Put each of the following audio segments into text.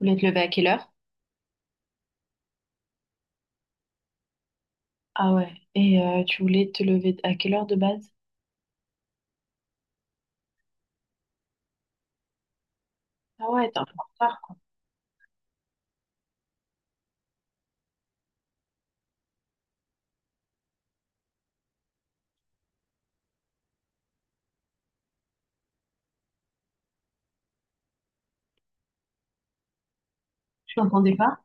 Tu voulais te lever à quelle heure? Ah ouais. Et tu voulais te lever à quelle heure de base? Ah ouais, t'es un peu en retard. Tu t'entendais pas?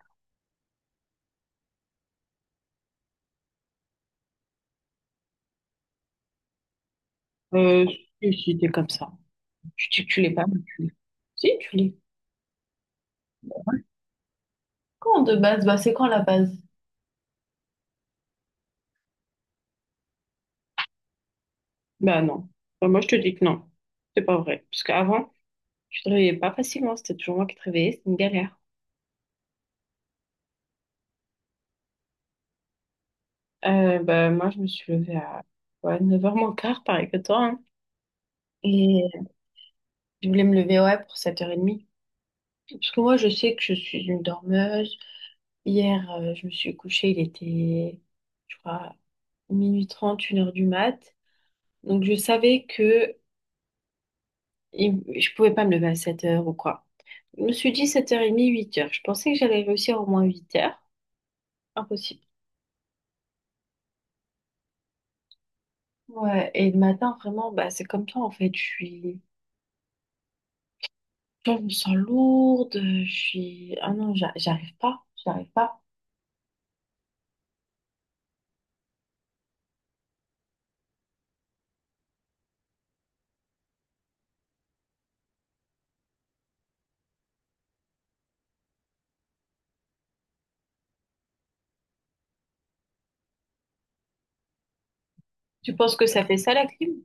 Euh, si, t'es comme ça. Tu l'es pas, mais tu l'es. Si, tu l'es. Quand de base? Bah, c'est quand la base? Bah non. Bah, moi, je te dis que non. C'est pas vrai. Parce qu'avant, tu te réveillais pas facilement. C'était toujours moi qui te réveillais. C'était une galère. Bah, moi, je me suis levée à ouais, neuf heures moins quart, pareil que toi, hein. Et je voulais me lever, ouais, pour 7h30. Parce que moi, je sais que je suis une dormeuse. Hier, je me suis couchée, il était, je crois, minuit trente une heure du mat. Donc, je savais que je pouvais pas me lever à 7 heures ou quoi. Je me suis dit 7h30, 8 heures. Je pensais que j'allais réussir au moins 8 heures. Impossible. Ouais, et le matin, vraiment, bah, c'est comme toi, en fait. Je suis, je me sens lourde. Je suis, ah non, j'arrive pas, j'arrive pas. Tu penses que ça fait ça, la clim?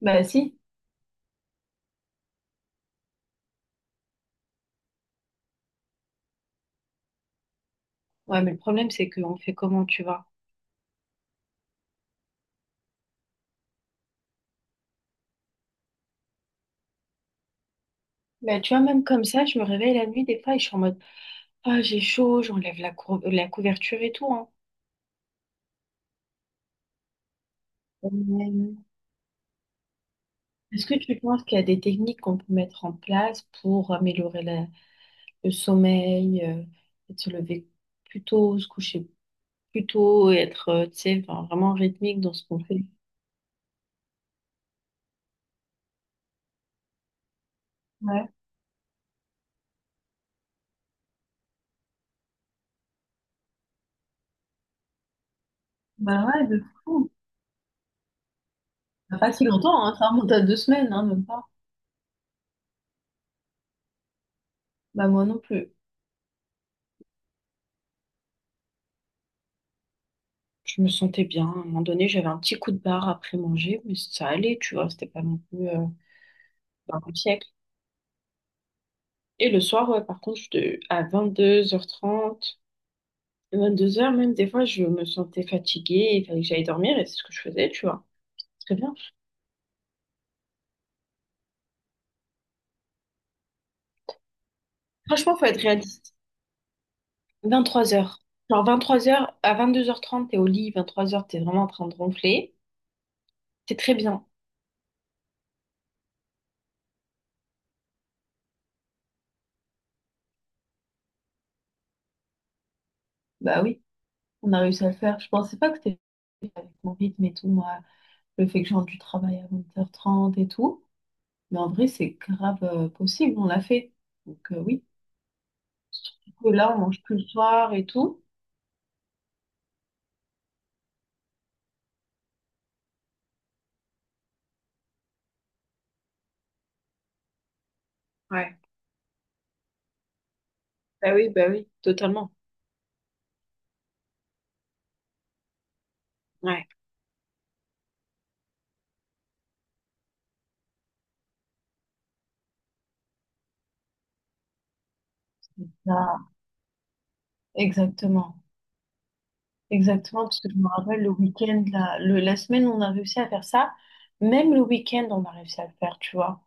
Bah, si. Ouais, mais le problème, c'est qu'on fait comment, tu vois? Bah, tu vois, même comme ça, je me réveille la nuit, des fois, et je suis en mode. Ah, j'ai chaud, j'enlève la couverture et tout, hein. Ouais. Est-ce que tu penses qu'il y a des techniques qu'on peut mettre en place pour améliorer le sommeil, peut-être se lever plus tôt, se coucher plus tôt, et être, tu sais, enfin, vraiment rythmique dans ce qu'on fait? Ouais, bah ouais, de fou. Ça fait pas si longtemps, hein, ça remonte à deux semaines, hein, même pas. Bah moi non plus. Je me sentais bien. À un moment donné, j'avais un petit coup de barre après manger, mais ça allait, tu vois, c'était pas non plus un siècle. Et le soir, ouais, par contre, à vingt-deux heures trente vingt-deux heures même, des fois, je me sentais fatiguée, il fallait que j'aille dormir et c'est ce que je faisais, tu vois. Très bien. Franchement, faut être réaliste. Vingt-trois heures. Genre vingt-trois heures à vingt-deux heures trente t'es au lit, vingt-trois heures t'es vraiment en train de ronfler. C'est très bien. Bah oui, on a réussi à le faire. Je pensais pas que c'était mon rythme et tout, moi, le fait que j'ai du travail à vingt heures trente et tout. Mais en vrai, c'est grave possible, on l'a fait. Donc oui, surtout que là, on mange plus le soir et tout. Bah oui, totalement. Ouais. Là, exactement. Exactement, parce que je me rappelle le week-end, la semaine, on a réussi à faire ça. Même le week-end, on a réussi à le faire, tu vois.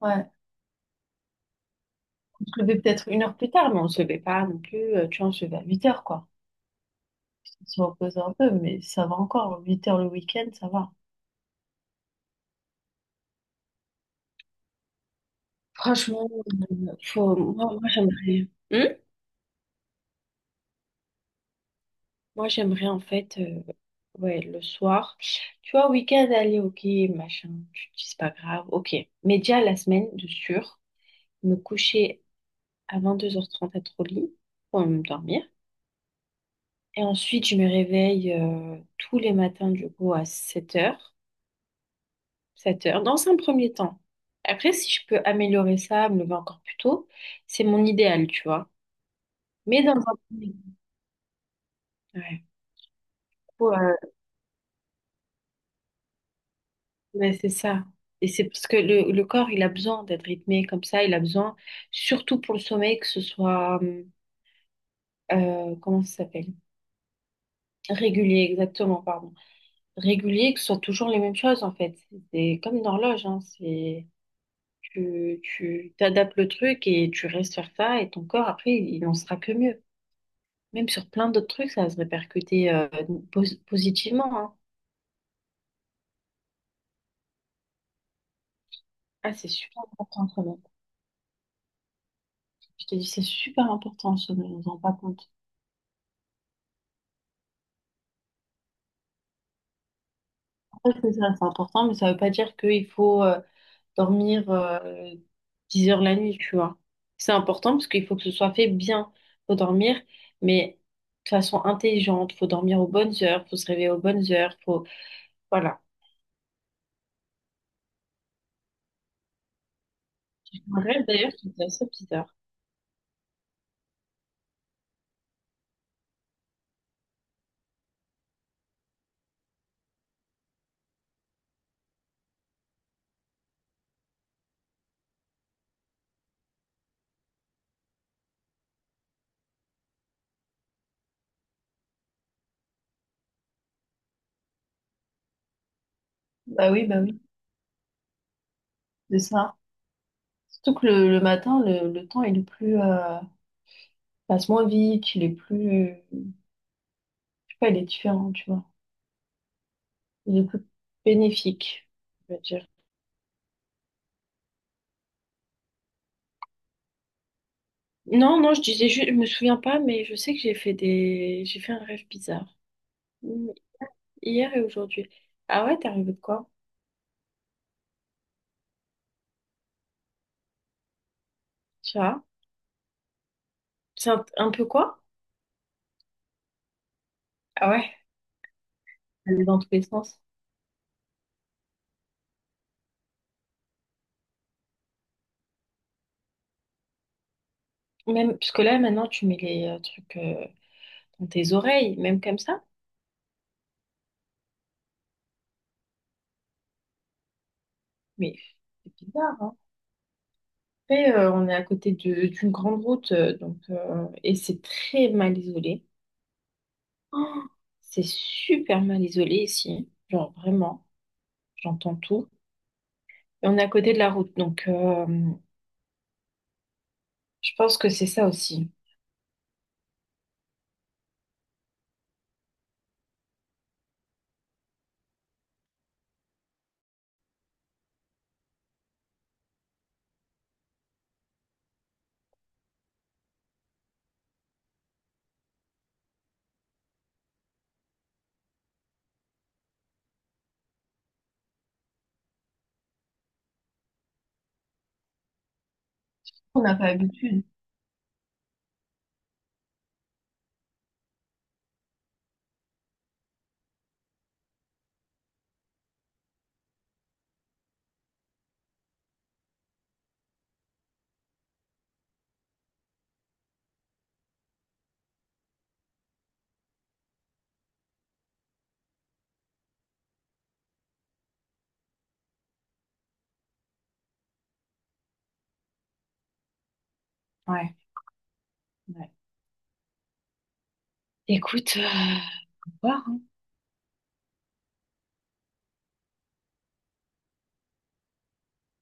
Ouais. On se levait peut-être une heure plus tard, mais on se levait pas non plus. Tu vois, on se levait à 8 heures, quoi. On se repose un peu, mais ça va encore. Huit heures le week-end, ça va. Franchement, faut... moi j'aimerais. Hmm. J'aimerais en fait, ouais, le soir. Tu vois, week-end, allez, ok, machin, tu te dis c'est pas grave, ok. Mais déjà la semaine, de sûr, me coucher à deux heures trente être au lit pour me dormir. Et ensuite, je me réveille tous les matins, du coup, à sept heures dans un premier temps. Après, si je peux améliorer ça, me lever encore plus tôt, c'est mon idéal, tu vois. Mais dans un premier temps, ouais. Ouais, c'est ça. Et c'est parce que le corps, il a besoin d'être rythmé comme ça. Il a besoin, surtout pour le sommeil, que ce soit, comment ça s'appelle? Régulier, exactement, pardon. Régulier, que ce soit toujours les mêmes choses, en fait. C'est comme une horloge, hein. C'est, tu t'adaptes le truc et tu restes sur ça et ton corps, après, il n'en sera que mieux. Même sur plein d'autres trucs, ça va se répercuter, positivement, hein. Ah, c'est super important, le sommeil. Je t'ai dit c'est super important, le sommeil. On s'en rend pas compte. Ouais, c'est ça, c'est important, mais ça ne veut pas dire qu'il faut dormir 10 heures la nuit, tu vois. C'est important parce qu'il faut que ce soit fait bien. Faut dormir, mais de façon intelligente. Faut dormir aux bonnes heures, faut se réveiller aux bonnes heures. Faut... Voilà. J'ai fait un rêve d'ailleurs qui était assez bizarre. Bah oui, c'est ça. Surtout que le matin, le temps est le plus... passe moins vite, il est plus... Je sais pas, il est différent, tu vois. Il est plus bénéfique, je veux dire. Non, non, je disais juste, je me souviens pas, mais je sais que j'ai fait j'ai fait un rêve bizarre. Hmm. Hier et aujourd'hui. Ah ouais, t'es rêvé de quoi? Tu vois? C'est un peu quoi? Ah ouais, ça allait dans tous les sens. Même, parce que là, maintenant, tu mets les trucs dans tes oreilles, même comme ça. Mais c'est bizarre, hein. Après, on est à côté d'une grande route, donc, et c'est très mal isolé. Oh, c'est super mal isolé ici. Genre, vraiment, j'entends tout. Et on est à côté de la route, donc... je pense que c'est ça aussi. On n'a pas l'habitude. Ouais. Ouais. Écoute, voir, hein.